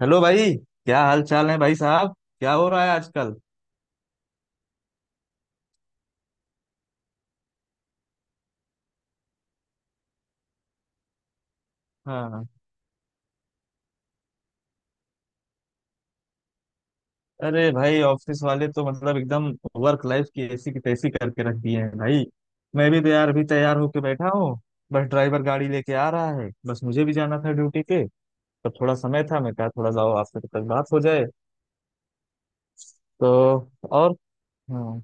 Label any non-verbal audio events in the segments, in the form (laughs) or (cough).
Hello भाई, क्या हाल चाल है भाई साहब? क्या हो रहा है आजकल? हाँ। अरे भाई, ऑफिस वाले तो मतलब एकदम वर्क लाइफ की ऐसी की तैसी करके रख दिए हैं भाई। मैं भी तो यार अभी तैयार होके बैठा हूँ। बस ड्राइवर गाड़ी लेके आ रहा है, बस मुझे भी जाना था ड्यूटी पे। तो थोड़ा समय था, मैं कहा थोड़ा जाओ आपसे तक बात हो जाए। तो। और। हाँ।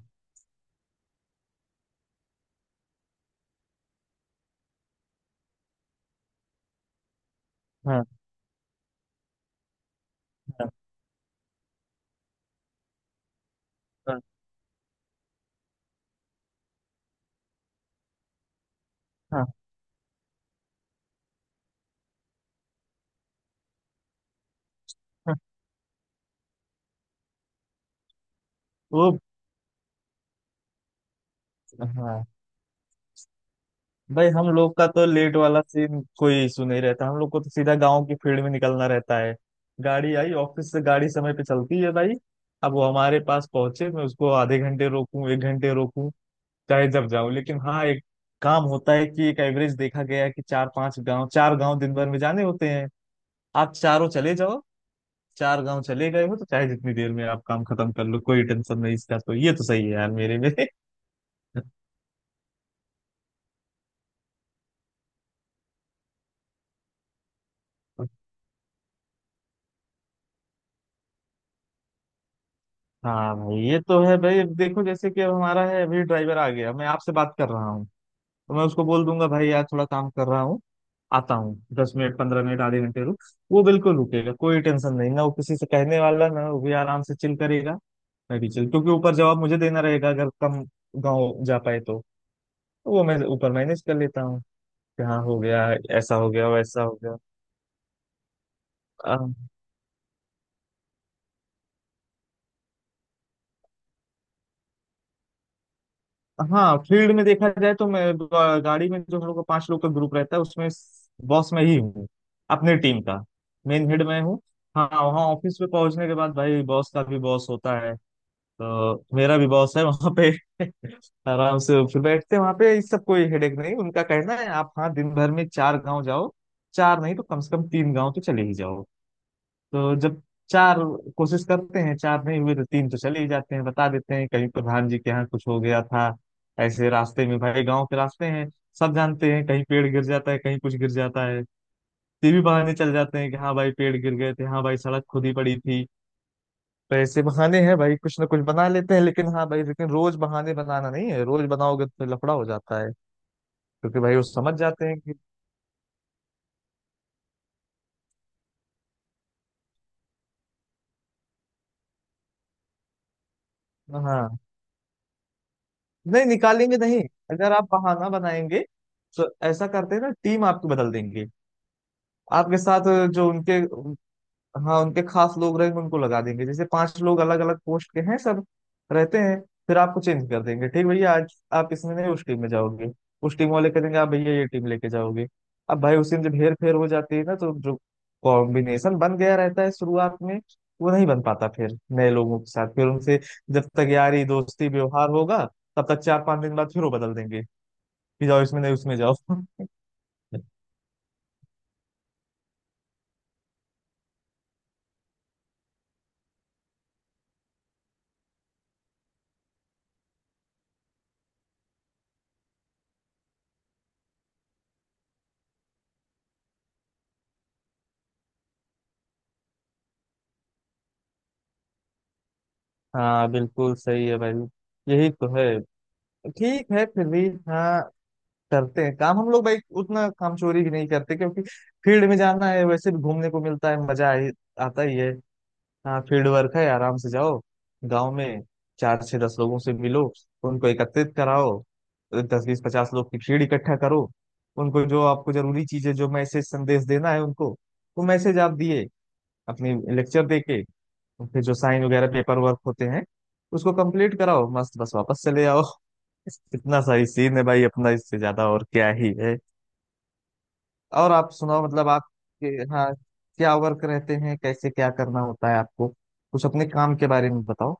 हाँ। हाँ। हाँ। हाँ, हाँ, वो। हाँ भाई, हम लोग का तो लेट वाला सीन कोई इशू नहीं रहता, हम लोग को तो सीधा गांव की फील्ड में निकलना रहता है। गाड़ी आई ऑफिस से, गाड़ी समय पे चलती है भाई। अब वो हमारे पास पहुंचे, मैं उसको आधे घंटे रोकूं एक घंटे रोकूं, चाहे जब जाऊं। लेकिन हाँ, एक काम होता है कि एक एवरेज देखा गया है कि चार पांच गांव, चार गांव दिन भर में जाने होते हैं। आप चारों चले जाओ, चार गांव चले गए हो तो चाहे जितनी देर में आप काम खत्म कर लो, कोई टेंशन नहीं इसका। तो ये तो सही है यार मेरे में (laughs) हाँ भाई, ये तो है भाई। अब देखो जैसे कि अब हमारा है, अभी ड्राइवर आ गया, मैं आपसे बात कर रहा हूँ। तो मैं उसको बोल दूंगा भाई, यार थोड़ा काम कर रहा हूँ, आता हूँ, 10 मिनट 15 मिनट आधे घंटे रुक। वो बिल्कुल रुकेगा, कोई टेंशन नहीं ना, वो किसी से कहने वाला ना, वो भी आराम से चिल करेगा, मैं भी चिल। क्योंकि ऊपर जवाब मुझे देना रहेगा अगर कम गाँव जा पाए तो। तो वो मैं ऊपर मैनेज कर लेता हूँ कि हाँ हो गया, ऐसा हो गया, वैसा हो गया। हाँ फील्ड में देखा जाए तो मैं गाड़ी में, जो हम लोग का पांच लोग का ग्रुप रहता है उसमें बॉस मैं ही हूँ, अपनी टीम का मेन हेड मैं हूँ। हाँ वहाँ ऑफिस में पहुंचने के बाद भाई बॉस का भी बॉस होता है, तो मेरा भी बॉस है वहाँ पे (laughs) आराम से फिर बैठते हैं वहाँ पे, इस सब कोई हेडेक नहीं। उनका कहना है आप हाँ दिन भर में चार गांव जाओ, चार नहीं तो कम से कम तीन गांव तो चले ही जाओ। तो जब चार कोशिश करते हैं, चार नहीं हुए तो तीन तो चले ही जाते हैं। बता देते हैं कहीं प्रधान जी के यहाँ कुछ हो गया था, ऐसे रास्ते में भाई, गांव के रास्ते हैं, सब जानते हैं, कहीं पेड़ गिर जाता है, कहीं कुछ गिर जाता है। तो ये भी बहाने चल जाते हैं कि हाँ भाई पेड़ गिर गए थे, हाँ भाई सड़क खुदी पड़ी थी। तो ऐसे बहाने हैं भाई, कुछ ना कुछ बना लेते हैं। लेकिन हाँ भाई, लेकिन रोज बहाने बनाना नहीं है, रोज बनाओगे तो लफड़ा हो जाता है। क्योंकि भाई वो समझ जाते हैं कि। हाँ। नहीं, निकालेंगे नहीं। अगर आप बहाना बनाएंगे तो ऐसा करते हैं ना, टीम आपको बदल देंगे। आपके साथ जो उनके। हाँ, उनके खास लोग रहेंगे उनको लगा देंगे, जैसे पांच लोग अलग अलग पोस्ट के हैं सब रहते हैं। फिर आपको चेंज कर देंगे, ठीक भैया आज आप इसमें नहीं उस टीम में जाओगे, उस टीम वाले कहेंगे आप भैया ये टीम लेके जाओगे। अब भाई उसी में जब हेर फेर हो जाती है ना, तो जो कॉम्बिनेशन बन गया रहता है शुरुआत में वो नहीं बन पाता, फिर नए लोगों के साथ फिर उनसे जब तक यारी दोस्ती व्यवहार होगा, तब तक 4 5 दिन बाद फिर वो बदल देंगे कि जाओ इसमें नहीं उसमें जाओ (laughs) हाँ बिल्कुल सही है भाई, यही तो है। ठीक है फिर भी हाँ, करते हैं काम हम लोग भाई, उतना काम चोरी भी नहीं करते क्योंकि फील्ड में जाना है, वैसे भी घूमने को मिलता है, मजा आता ही है। हाँ फील्ड वर्क है, आराम से जाओ गांव में, चार छह दस लोगों से मिलो, उनको एकत्रित कराओ, 10 20 50 लोग की भीड़ इकट्ठा करो, उनको जो आपको जरूरी चीजें जो मैसेज संदेश देना है उनको, वो मैसेज आप दिए अपनी लेक्चर देके, तो फिर जो साइन वगैरह पेपर वर्क होते हैं उसको कंप्लीट कराओ, मस्त बस वापस चले आओ (laughs) इतना सही सीन है भाई अपना, इससे ज्यादा और क्या ही है। और आप सुनाओ, मतलब आपके। हाँ, क्या वर्क रहते हैं, कैसे क्या करना होता है आपको, कुछ अपने काम के बारे में बताओ।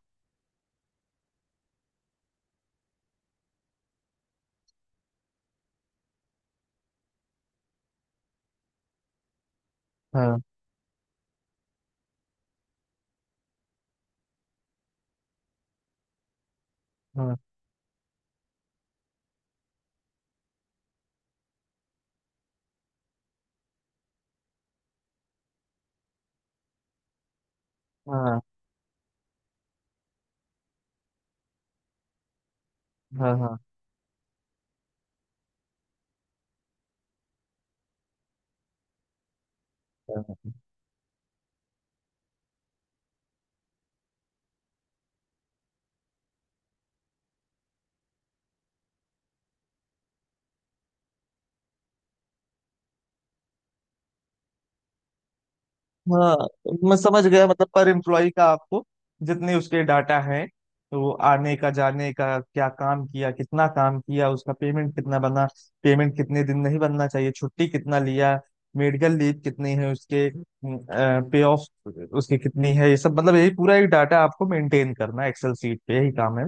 हाँ। हाँ। हाँ। हाँ। हाँ। हाँ। मैं समझ गया, मतलब पर एम्प्लॉय का आपको जितने उसके डाटा है, वो आने का जाने का, क्या काम किया, कितना काम किया, उसका पेमेंट कितना बना, पेमेंट कितने दिन नहीं बनना चाहिए, छुट्टी कितना लिया, मेडिकल लीव कितनी है उसके, पे ऑफ उसकी कितनी है, ये सब मतलब यही पूरा एक डाटा आपको मेंटेन करना है एक्सेल सीट पे, यही काम है।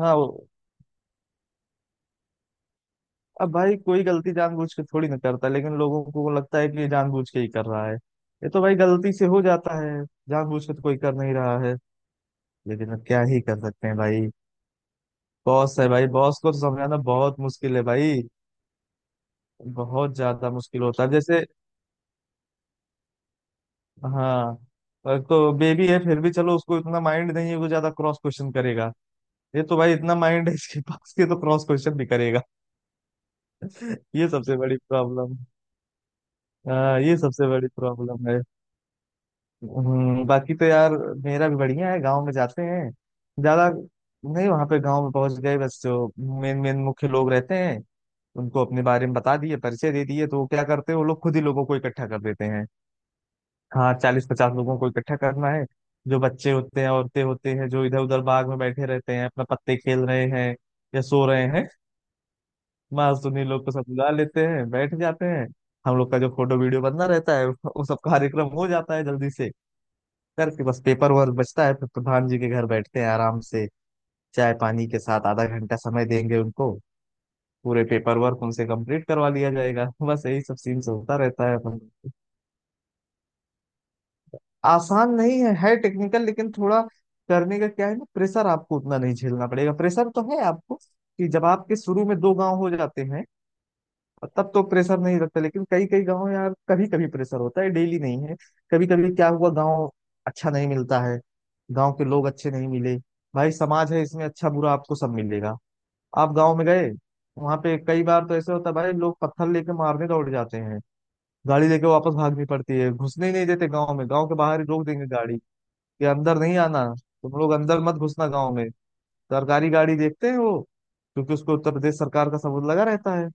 हाँ, अब भाई कोई गलती जानबूझ के थोड़ी ना करता, लेकिन लोगों को लगता है कि ये जानबूझ के ही कर रहा है। ये तो भाई गलती से हो जाता है, जानबूझ के तो कोई कर नहीं रहा है। लेकिन अब क्या ही कर सकते हैं भाई, बॉस है भाई, बॉस को तो समझाना बहुत मुश्किल है भाई, बहुत ज्यादा मुश्किल होता है। जैसे हाँ, पर तो बेबी है फिर भी चलो, उसको इतना माइंड नहीं है, वो ज्यादा क्रॉस क्वेश्चन करेगा। ये तो भाई इतना माइंड है इसके पास कि तो क्रॉस क्वेश्चन भी करेगा (laughs) ये सबसे बड़ी प्रॉब्लम। हाँ ये सबसे बड़ी प्रॉब्लम है। बाकी तो यार मेरा भी बढ़िया है, गांव में जाते हैं ज्यादा नहीं, वहां पे गांव में पहुंच गए बस, जो मेन मेन मुख्य लोग रहते हैं उनको अपने बारे में बता दिए, परिचय दे दिए, तो वो क्या करते हैं वो लोग खुद ही लोगों को इकट्ठा कर देते हैं। हाँ 40 50 लोगों को इकट्ठा करना है, जो बच्चे होते हैं, औरतें होते हैं, जो इधर उधर बाग में बैठे रहते हैं, अपना पत्ते खेल रहे हैं या सो रहे हैं, बस उन्हीं लोग को सब बुला लेते हैं, बैठ जाते हैं। हम लोग का जो फोटो वीडियो बनना रहता है, वो सब कार्यक्रम हो जाता है जल्दी से करके, बस पेपर वर्क बचता है, फिर प्रधान जी के घर बैठते हैं आराम से, चाय पानी के साथ आधा घंटा समय देंगे उनको, पूरे पेपर वर्क उनसे कंप्लीट करवा लिया जाएगा (laughs) बस यही सब सीन्स होता रहता है अपन को। आसान नहीं है, है टेक्निकल लेकिन थोड़ा करने का। क्या है ना, प्रेशर आपको उतना नहीं झेलना पड़ेगा, प्रेशर तो है आपको कि जब आपके शुरू में दो गांव हो जाते हैं तब तो प्रेशर नहीं लगता, लेकिन कई कई गांव यार, कभी कभी प्रेशर होता है, डेली नहीं है। कभी कभी क्या हुआ, गांव अच्छा नहीं मिलता है, गांव के लोग अच्छे नहीं मिले। भाई समाज है, इसमें अच्छा बुरा आपको सब मिलेगा। आप गांव में गए, वहां पे कई बार तो ऐसे होता है भाई, लोग पत्थर लेके मारने दौड़ जाते हैं, गाड़ी लेके वापस भागनी पड़ती है, घुसने ही नहीं देते गांव में, गांव के बाहर ही रोक देंगे गाड़ी कि अंदर नहीं आना, तुम लोग अंदर मत घुसना गांव में। सरकारी गाड़ी देखते हैं वो, क्योंकि उसको उत्तर प्रदेश सरकार का सबूत लगा रहता है,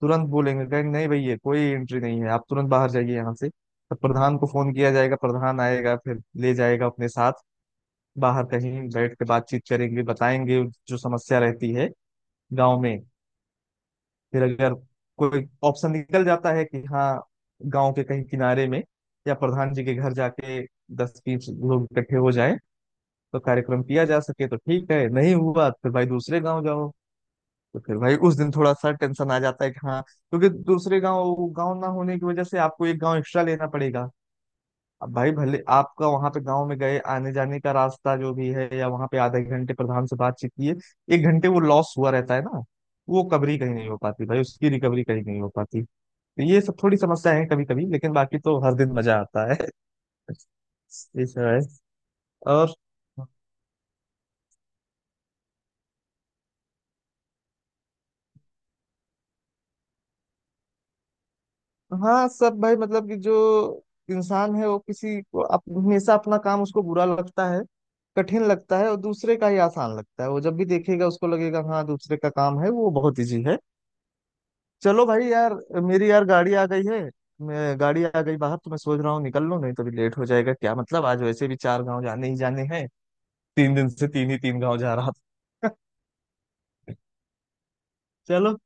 तुरंत बोलेंगे, कहेंगे नहीं भैया कोई एंट्री नहीं है, आप तुरंत बाहर जाइए यहाँ से। तब प्रधान को फोन किया जाएगा, प्रधान आएगा फिर ले जाएगा अपने साथ, बाहर कहीं बैठ के बातचीत करेंगे, बताएंगे जो समस्या रहती है गाँव में। फिर अगर कोई ऑप्शन निकल जाता है कि हाँ, गांव के कहीं किनारे में या प्रधान जी के घर जाके 10 20 लोग इकट्ठे हो जाएं तो कार्यक्रम किया जा सके तो ठीक है, नहीं हुआ तो फिर भाई दूसरे गांव जाओ। तो फिर भाई उस दिन थोड़ा सा टेंशन आ जाता है कि हाँ, क्योंकि दूसरे गांव, गांव ना होने की वजह से आपको एक गांव एक्स्ट्रा लेना पड़ेगा। अब भाई भले आपका वहां पे गांव में गए आने जाने का रास्ता जो भी है, या वहां पे आधे घंटे प्रधान से बातचीत किए, एक घंटे वो लॉस हुआ रहता है ना, वो कवरी कहीं नहीं हो पाती भाई, उसकी रिकवरी कहीं नहीं हो पाती। ये सब थोड़ी समस्या है कभी कभी, लेकिन बाकी तो हर दिन मजा आता है, ये सब है। और। हाँ सब भाई, मतलब कि जो इंसान है वो किसी को हमेशा अपना काम उसको बुरा लगता है, कठिन लगता है, और दूसरे का ही आसान लगता है। वो जब भी देखेगा उसको लगेगा हाँ दूसरे का काम है वो बहुत इजी है। चलो भाई यार, मेरी यार गाड़ी आ गई है, मैं गाड़ी आ गई बाहर, तो मैं सोच रहा हूँ निकल लूँ, नहीं तो भी लेट हो जाएगा क्या मतलब, आज वैसे भी चार गांव जाने ही जाने हैं, 3 दिन से तीन ही तीन गांव जा रहा था (laughs) चलो।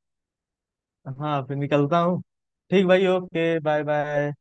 हाँ फिर निकलता हूँ। ठीक भाई, ओके बाय बाय।